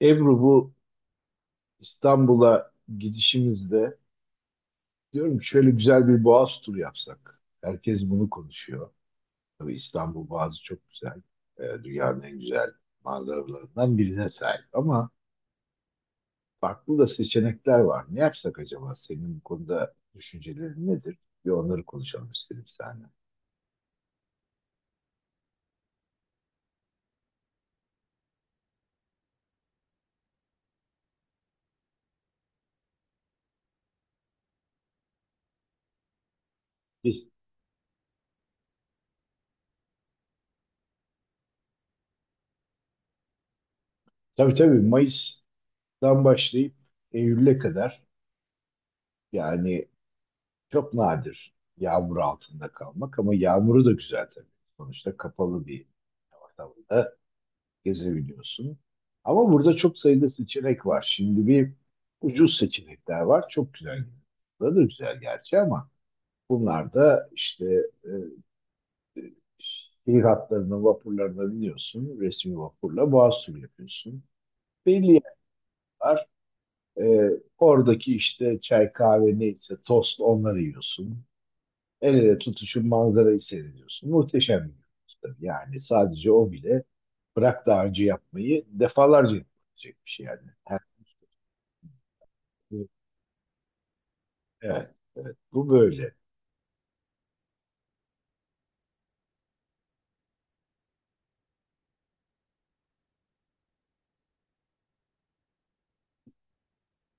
Ebru bu İstanbul'a gidişimizde diyorum şöyle güzel bir Boğaz turu yapsak. Herkes bunu konuşuyor. Tabii İstanbul Boğazı çok güzel. Dünyanın en güzel manzaralarından birine sahip. Ama farklı da seçenekler var. Ne yapsak acaba? Senin bu konuda düşüncelerin nedir? Bir onları konuşalım istedim seninle. Biz, tabii tabii, Mayıs'tan başlayıp Eylül'e kadar, yani çok nadir yağmur altında kalmak, ama yağmuru da güzel tabii. Sonuçta kapalı bir ortamda gezebiliyorsun. Ama burada çok sayıda seçenek var. Şimdi bir ucuz seçenekler var. Çok güzel. Bunlar da güzel gerçi, ama bunlar da işte e, şehir hatlarına, vapurlarına biniyorsun. Resmi vapurla boğaz turu yapıyorsun. Belli yerler var. E, Oradaki işte çay kahve neyse tost, onları yiyorsun. El ele tutuşun manzarayı seyrediyorsun. Muhteşem bir görüntü. Yani sadece o bile, bırak daha önce yapmayı, defalarca yapılabilecek bir şey yani. Şey- evet, evet. Bu böyle.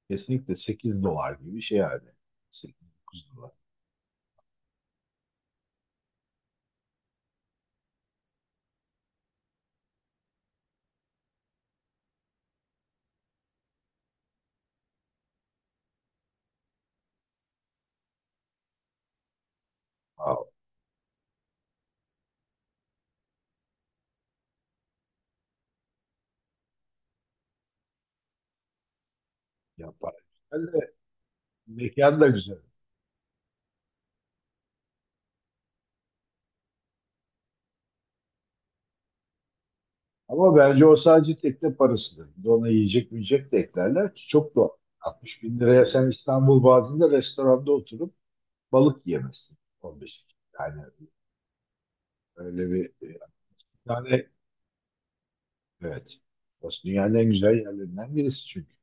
Kesinlikle 8 dolar gibi bir şey yani. 8-9 dolar. Wow. Yapar. Yani mekan da güzel. Ama bence o sadece tekne parasıdır. Bir de ona yiyecek, de eklerler ki çok doğal. 60.000 liraya sen İstanbul bazında restoranda oturup balık yiyemezsin. 10.000. Yani öyle bir, yani, evet. Burası dünyanın en güzel yerlerinden birisi çünkü.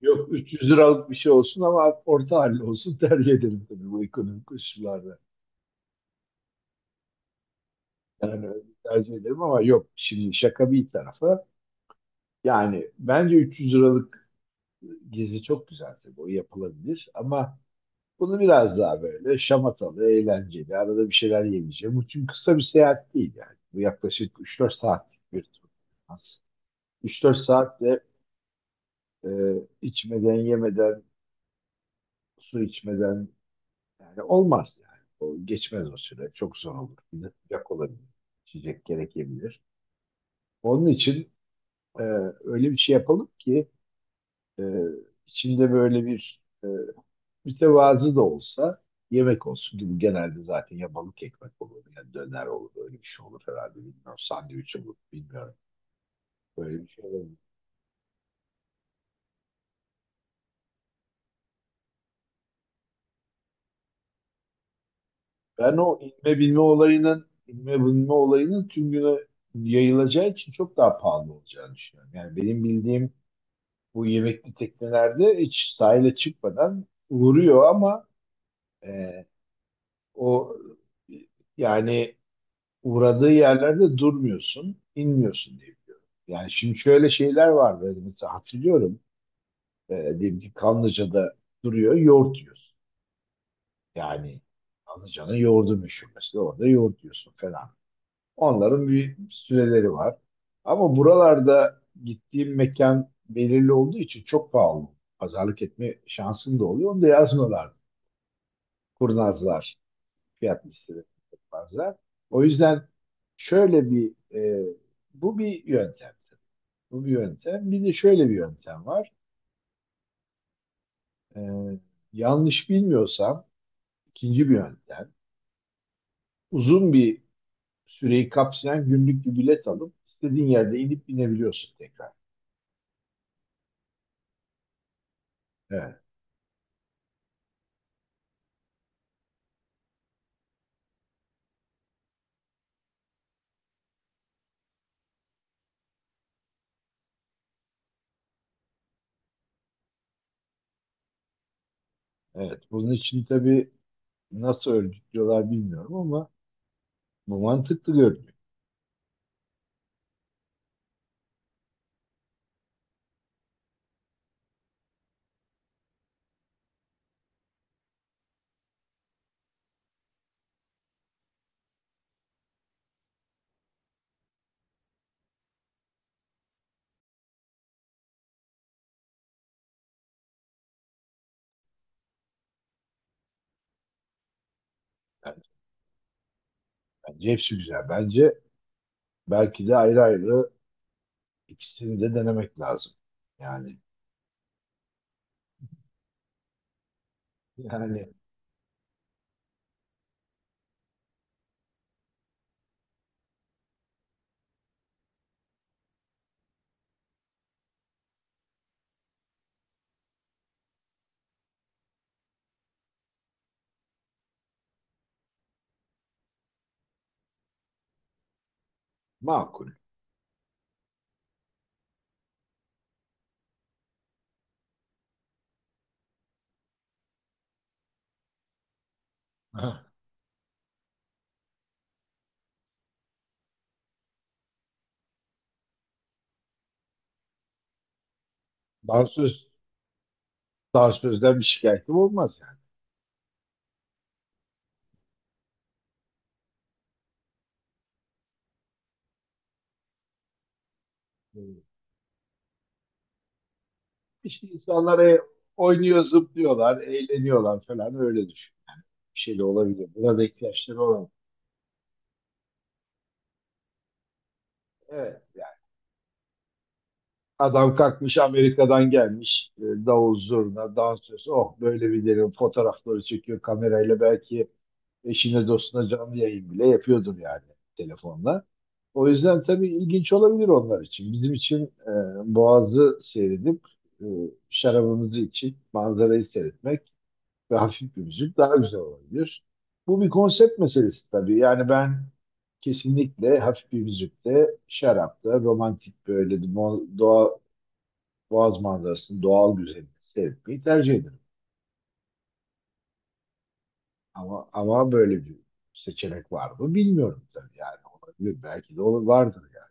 Yok, 300, evet, liralık bir şey olsun ama orta halli olsun tercih ederim tabii bu ekonomik koşullarda. Yani öyle tercih ederim ama yok, şimdi şaka bir tarafa. Yani bence 300 liralık gezi çok güzel, tabii o yapılabilir, ama bunu biraz daha böyle şamatalı, eğlenceli, arada bir şeyler yemeyeceğim. Bu çünkü kısa bir seyahat değil yani. Bu yaklaşık 3-4 saatlik bir tur. Az. 3-4 saatte e, içmeden, yemeden, su içmeden, yani olmaz yani. O geçmez o süre. Çok zor olur. Bir de sıcak olabilir. İçecek gerekebilir. Onun için e, öyle bir şey yapalım ki e, içinde böyle bir mütevazı da olsa yemek olsun gibi. Genelde zaten ya balık ekmek olur ya döner olur. Öyle bir şey olur herhalde. Bilmiyorum. Sandviç olur. Bilmiyorum. Böyle bir şey olabilir. Ben o inme bilme olayının tüm güne yayılacağı için çok daha pahalı olacağını düşünüyorum. Yani benim bildiğim, bu yemekli teknelerde hiç sahile çıkmadan vuruyor, ama e, o yani uğradığı yerlerde durmuyorsun, inmiyorsun diye biliyorum. Yani şimdi şöyle şeyler var böyle mesela hatırlıyorum. Diyelim ki Kanlıca'da duruyor, yoğurt yiyorsun. Yani Kanlıca'nın yoğurdu meşhur mesela, orada yoğurt yiyorsun falan. Onların bir süreleri var. Ama buralarda gittiğim mekan belirli olduğu için çok pahalı. Pazarlık etme şansın da oluyor. Onu da yazmıyorlar. Kurnazlar. Fiyat listeleri yapmazlar. O yüzden şöyle bir bu bir yöntem. Bu bir yöntem. Bir de şöyle bir yöntem var. E, Yanlış bilmiyorsam ikinci bir yöntem. Uzun bir süreyi kapsayan günlük bir bilet alıp istediğin yerde inip binebiliyorsun tekrar. Evet. Evet, bunun için tabii nasıl örgütlüyorlar bilmiyorum ama bu mantıklı görünüyor. Yani bence hepsi güzel. Bence belki de ayrı ayrı ikisini de denemek lazım. Yani yani makul. Ha. Dansöz, Dansözden bir şikayetim olmaz yani. Evet. İşte insanlar oynuyor, zıplıyorlar, eğleniyorlar falan, öyle düşün. Bir şey de olabilir. Buna da ihtiyaçları olan. Evet. Adam kalkmış Amerika'dan gelmiş. Davul zurna, dansöz. Oh, böyle videonun fotoğrafları çekiyor kamerayla. Belki eşine dostuna canlı yayın bile yapıyordur yani telefonla. O yüzden tabii ilginç olabilir onlar için. Bizim için Boğaz'ı seyredip e, şarabımızı içip manzarayı seyretmek ve hafif bir müzik daha güzel olabilir. Bu bir konsept meselesi tabii. Yani ben kesinlikle hafif bir müzikte, şarapta, romantik, böyle doğa Boğaz manzarasının doğal güzelliğini seyretmeyi tercih ederim. Ama böyle bir seçenek var mı bilmiyorum tabii, yani olabilir, belki de olur, vardır yani.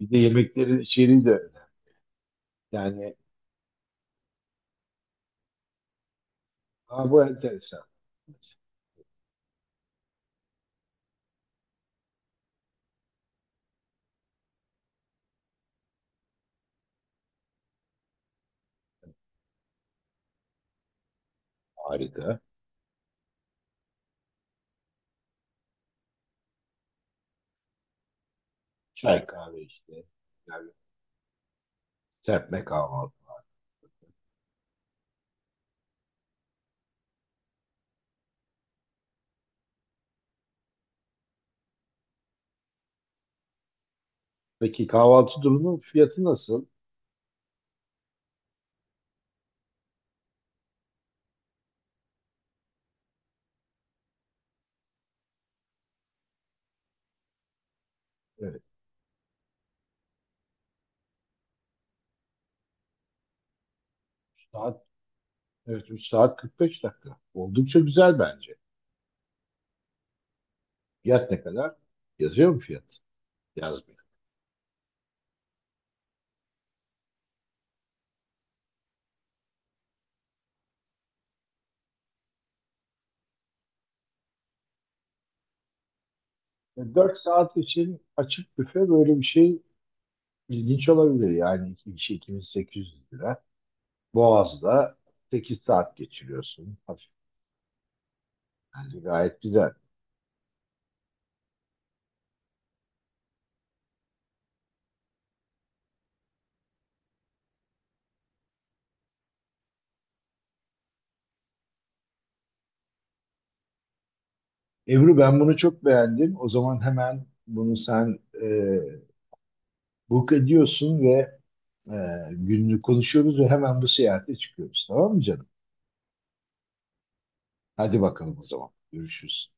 Bir de yemeklerin içeriği de önemli. Yani ha, bu enteresan. Harika. Çay kahve işte. Yani serpme kahvaltı. Peki kahvaltı durumu fiyatı nasıl? Evet. üç Saat, evet, 3 saat 45 dakika. Oldukça güzel bence. Fiyat ne kadar? Yazıyor mu fiyat? Yazmıyor. Dört saat için açık büfe böyle bir şey. İlginç olabilir yani, iki kişi 2800 lira. Boğaz'da 8 saat geçiriyorsun. Hafif yani gayet güzel. Ebru ben bunu çok beğendim. O zaman hemen bunu sen book ediyorsun ve e, gününü konuşuyoruz ve hemen bu seyahate çıkıyoruz. Tamam mı canım? Hadi bakalım o zaman. Görüşürüz.